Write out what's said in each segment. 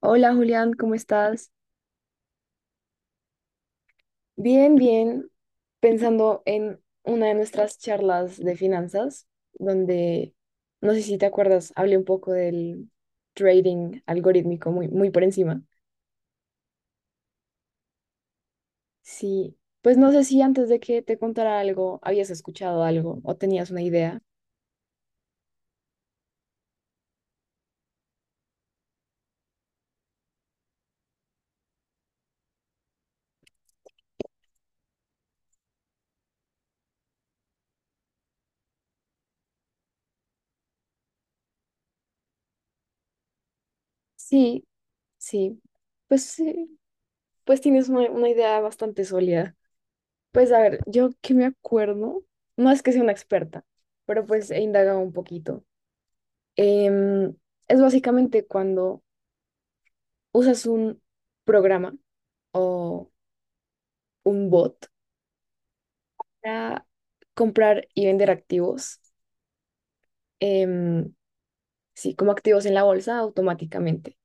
Hola Julián, ¿cómo estás? Bien, bien. Pensando en una de nuestras charlas de finanzas, donde, no sé si te acuerdas, hablé un poco del trading algorítmico muy, muy por encima. Sí, pues no sé si antes de que te contara algo, habías escuchado algo o tenías una idea. Sí, sí. Pues sí, pues tienes una idea bastante sólida. Pues a ver, yo que me acuerdo, no es que sea una experta, pero pues he indagado un poquito. Em, es básicamente cuando usas un programa o un bot para comprar y vender activos, em, sí, como activos en la bolsa automáticamente.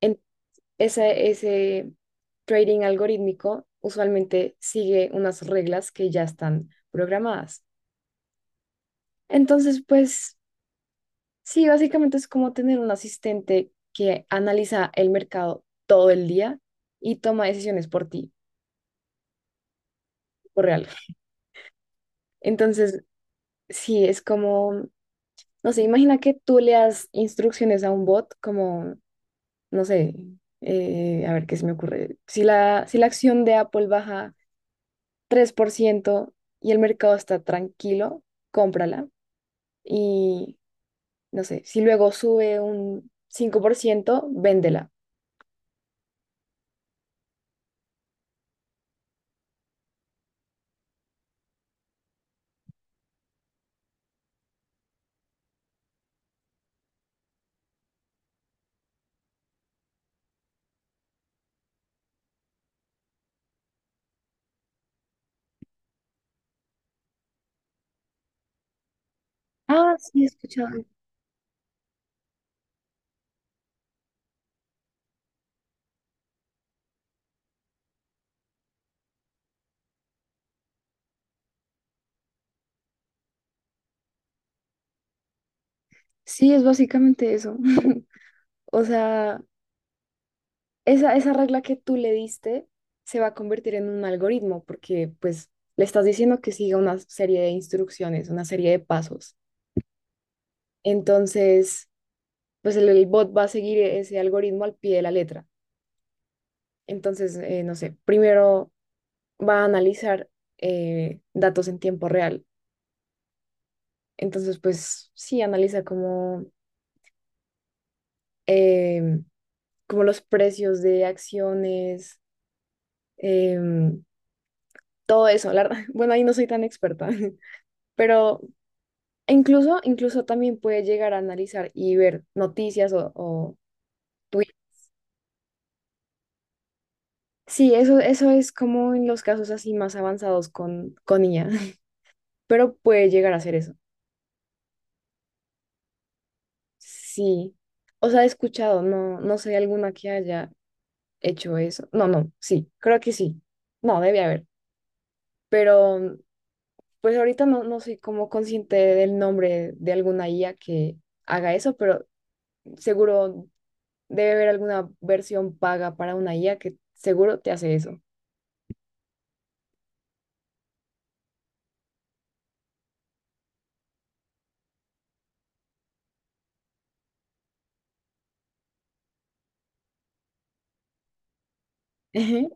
En ese trading algorítmico usualmente sigue unas reglas que ya están programadas. Entonces, pues sí, básicamente es como tener un asistente que analiza el mercado todo el día y toma decisiones por ti, por entonces, sí, es como, no sé, imagina que tú le das instrucciones a un bot como, no sé, a ver qué se me ocurre. Si la acción de Apple baja 3% y el mercado está tranquilo, cómprala. Y, no sé, si luego sube un 5%, véndela. Ah, sí, he escuchado. Sí, es básicamente eso. O sea, esa regla que tú le diste se va a convertir en un algoritmo porque pues le estás diciendo que siga una serie de instrucciones, una serie de pasos. Entonces, pues el bot va a seguir ese algoritmo al pie de la letra. Entonces, no sé, primero va a analizar datos en tiempo real. Entonces, pues sí, analiza como, em, como los precios de acciones, em, todo eso. La verdad, bueno, ahí no soy tan experta. Pero incluso también puedes llegar a analizar y ver noticias o tweets. Sí, eso es como en los casos así más avanzados con IA, pero puede llegar a hacer eso. Sí. O sea, he escuchado, no sé alguna que haya hecho eso. No, no, sí, creo que sí. No, debe haber. Pero pues ahorita no, no soy como consciente del nombre de alguna IA que haga eso, pero seguro debe haber alguna versión paga para una IA que seguro te hace eso. Ajá.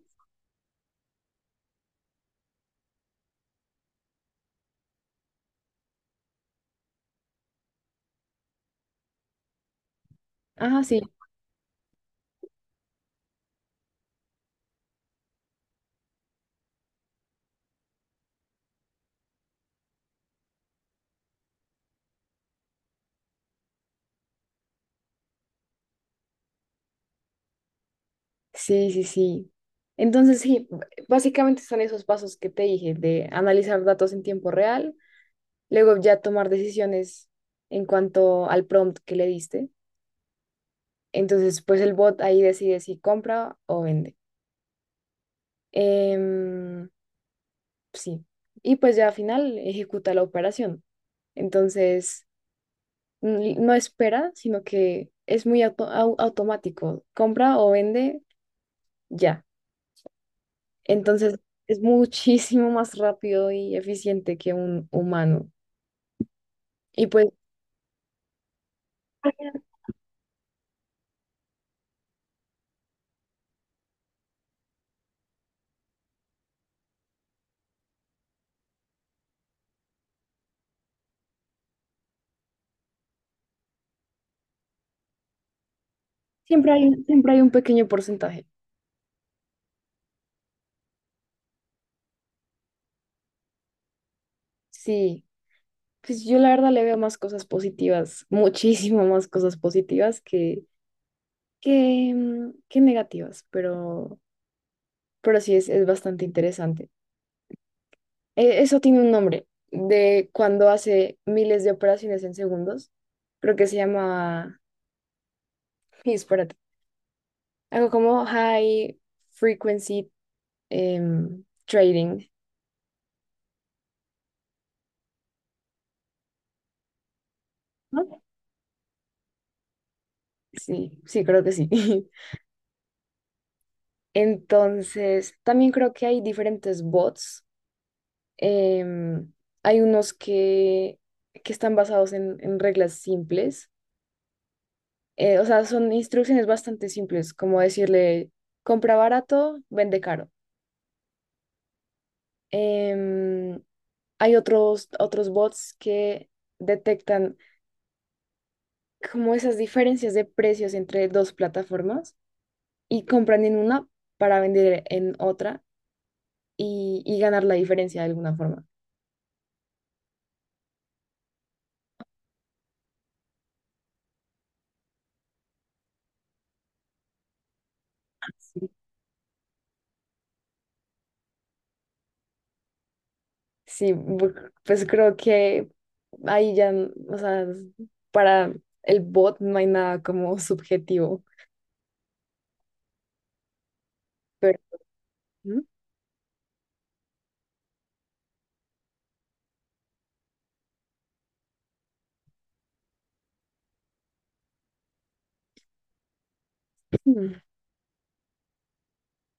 Ah, sí, sí, sí, sí. Entonces, sí, básicamente son esos pasos que te dije, de analizar datos en tiempo real, luego ya tomar decisiones en cuanto al prompt que le diste. Entonces, pues el bot ahí decide si compra o vende. Em, sí. Y pues ya al final ejecuta la operación. Entonces, no espera, sino que es muy automático. Compra o vende, ya. Entonces es muchísimo más rápido y eficiente que un humano. Y pues siempre hay un pequeño porcentaje. Sí, pues yo la verdad le veo más cosas positivas, muchísimo más cosas positivas que negativas, pero sí es bastante interesante. Eso tiene un nombre de cuando hace miles de operaciones en segundos. Creo que se llama, espérate, algo como high frequency trading. ¿No? Sí, sí, creo que sí. Entonces, también creo que hay diferentes bots. em, Hay unos que están basados en reglas simples. O sea, son instrucciones bastante simples, como decirle, compra barato, vende caro. Em, hay otros, otros bots que detectan como esas diferencias de precios entre dos plataformas y compran en una para vender en otra y ganar la diferencia de alguna forma. Sí. Sí, pues creo que ahí ya, o sea, para el bot no hay nada como subjetivo, pero ¿Mm? mm,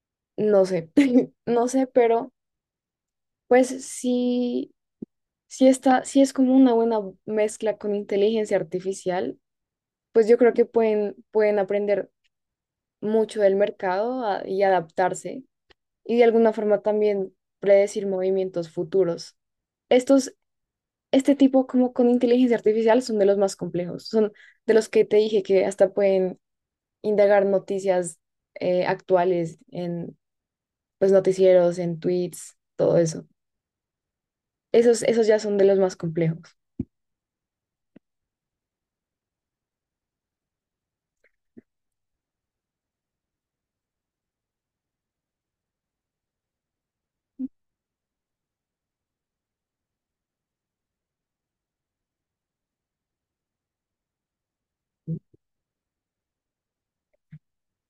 no sé, no sé, pero pues sí, sí está, sí es como una buena mezcla con inteligencia artificial, pues yo creo que pueden aprender mucho del mercado y adaptarse y de alguna forma también predecir movimientos futuros. Estos, este tipo como con inteligencia artificial son de los más complejos, son de los que te dije que hasta pueden indagar noticias actuales en pues noticieros, en tweets, todo eso. Esos ya son de los más complejos.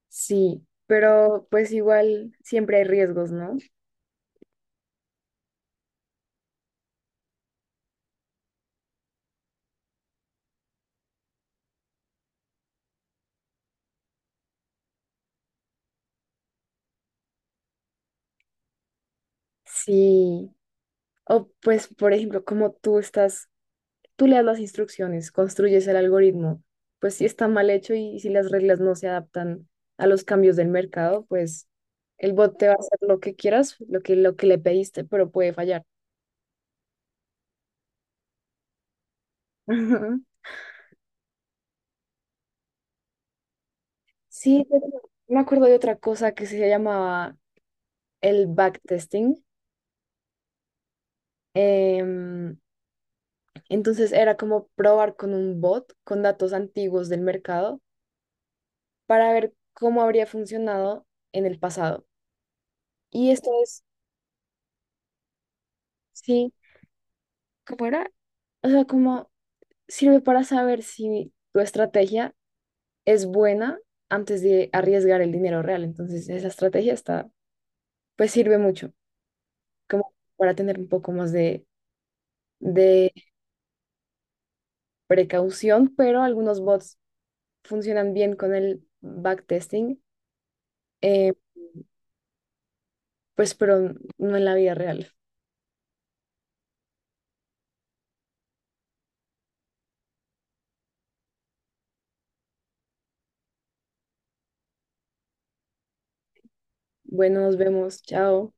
Sí, pero pues igual siempre hay riesgos, ¿no? Sí. O pues, por ejemplo, como tú le das las instrucciones, construyes el algoritmo, pues si está mal hecho y si las reglas no se adaptan a los cambios del mercado, pues el bot te va a hacer lo que quieras, lo que le pediste, pero puede fallar. Ujú. Sí, me acuerdo de otra cosa que se llamaba el backtesting. Em, entonces era como probar con un bot, con datos antiguos del mercado, para ver cómo habría funcionado en el pasado. Y esto es, sí, ¿cómo era? O sea, como sirve para saber si tu estrategia es buena antes de arriesgar el dinero real. Entonces, esa estrategia está, pues sirve mucho, como para tener un poco más de precaución, pero algunos bots funcionan bien con el backtesting, eh, pues, pero no en la vida real. Bueno, nos vemos, chao.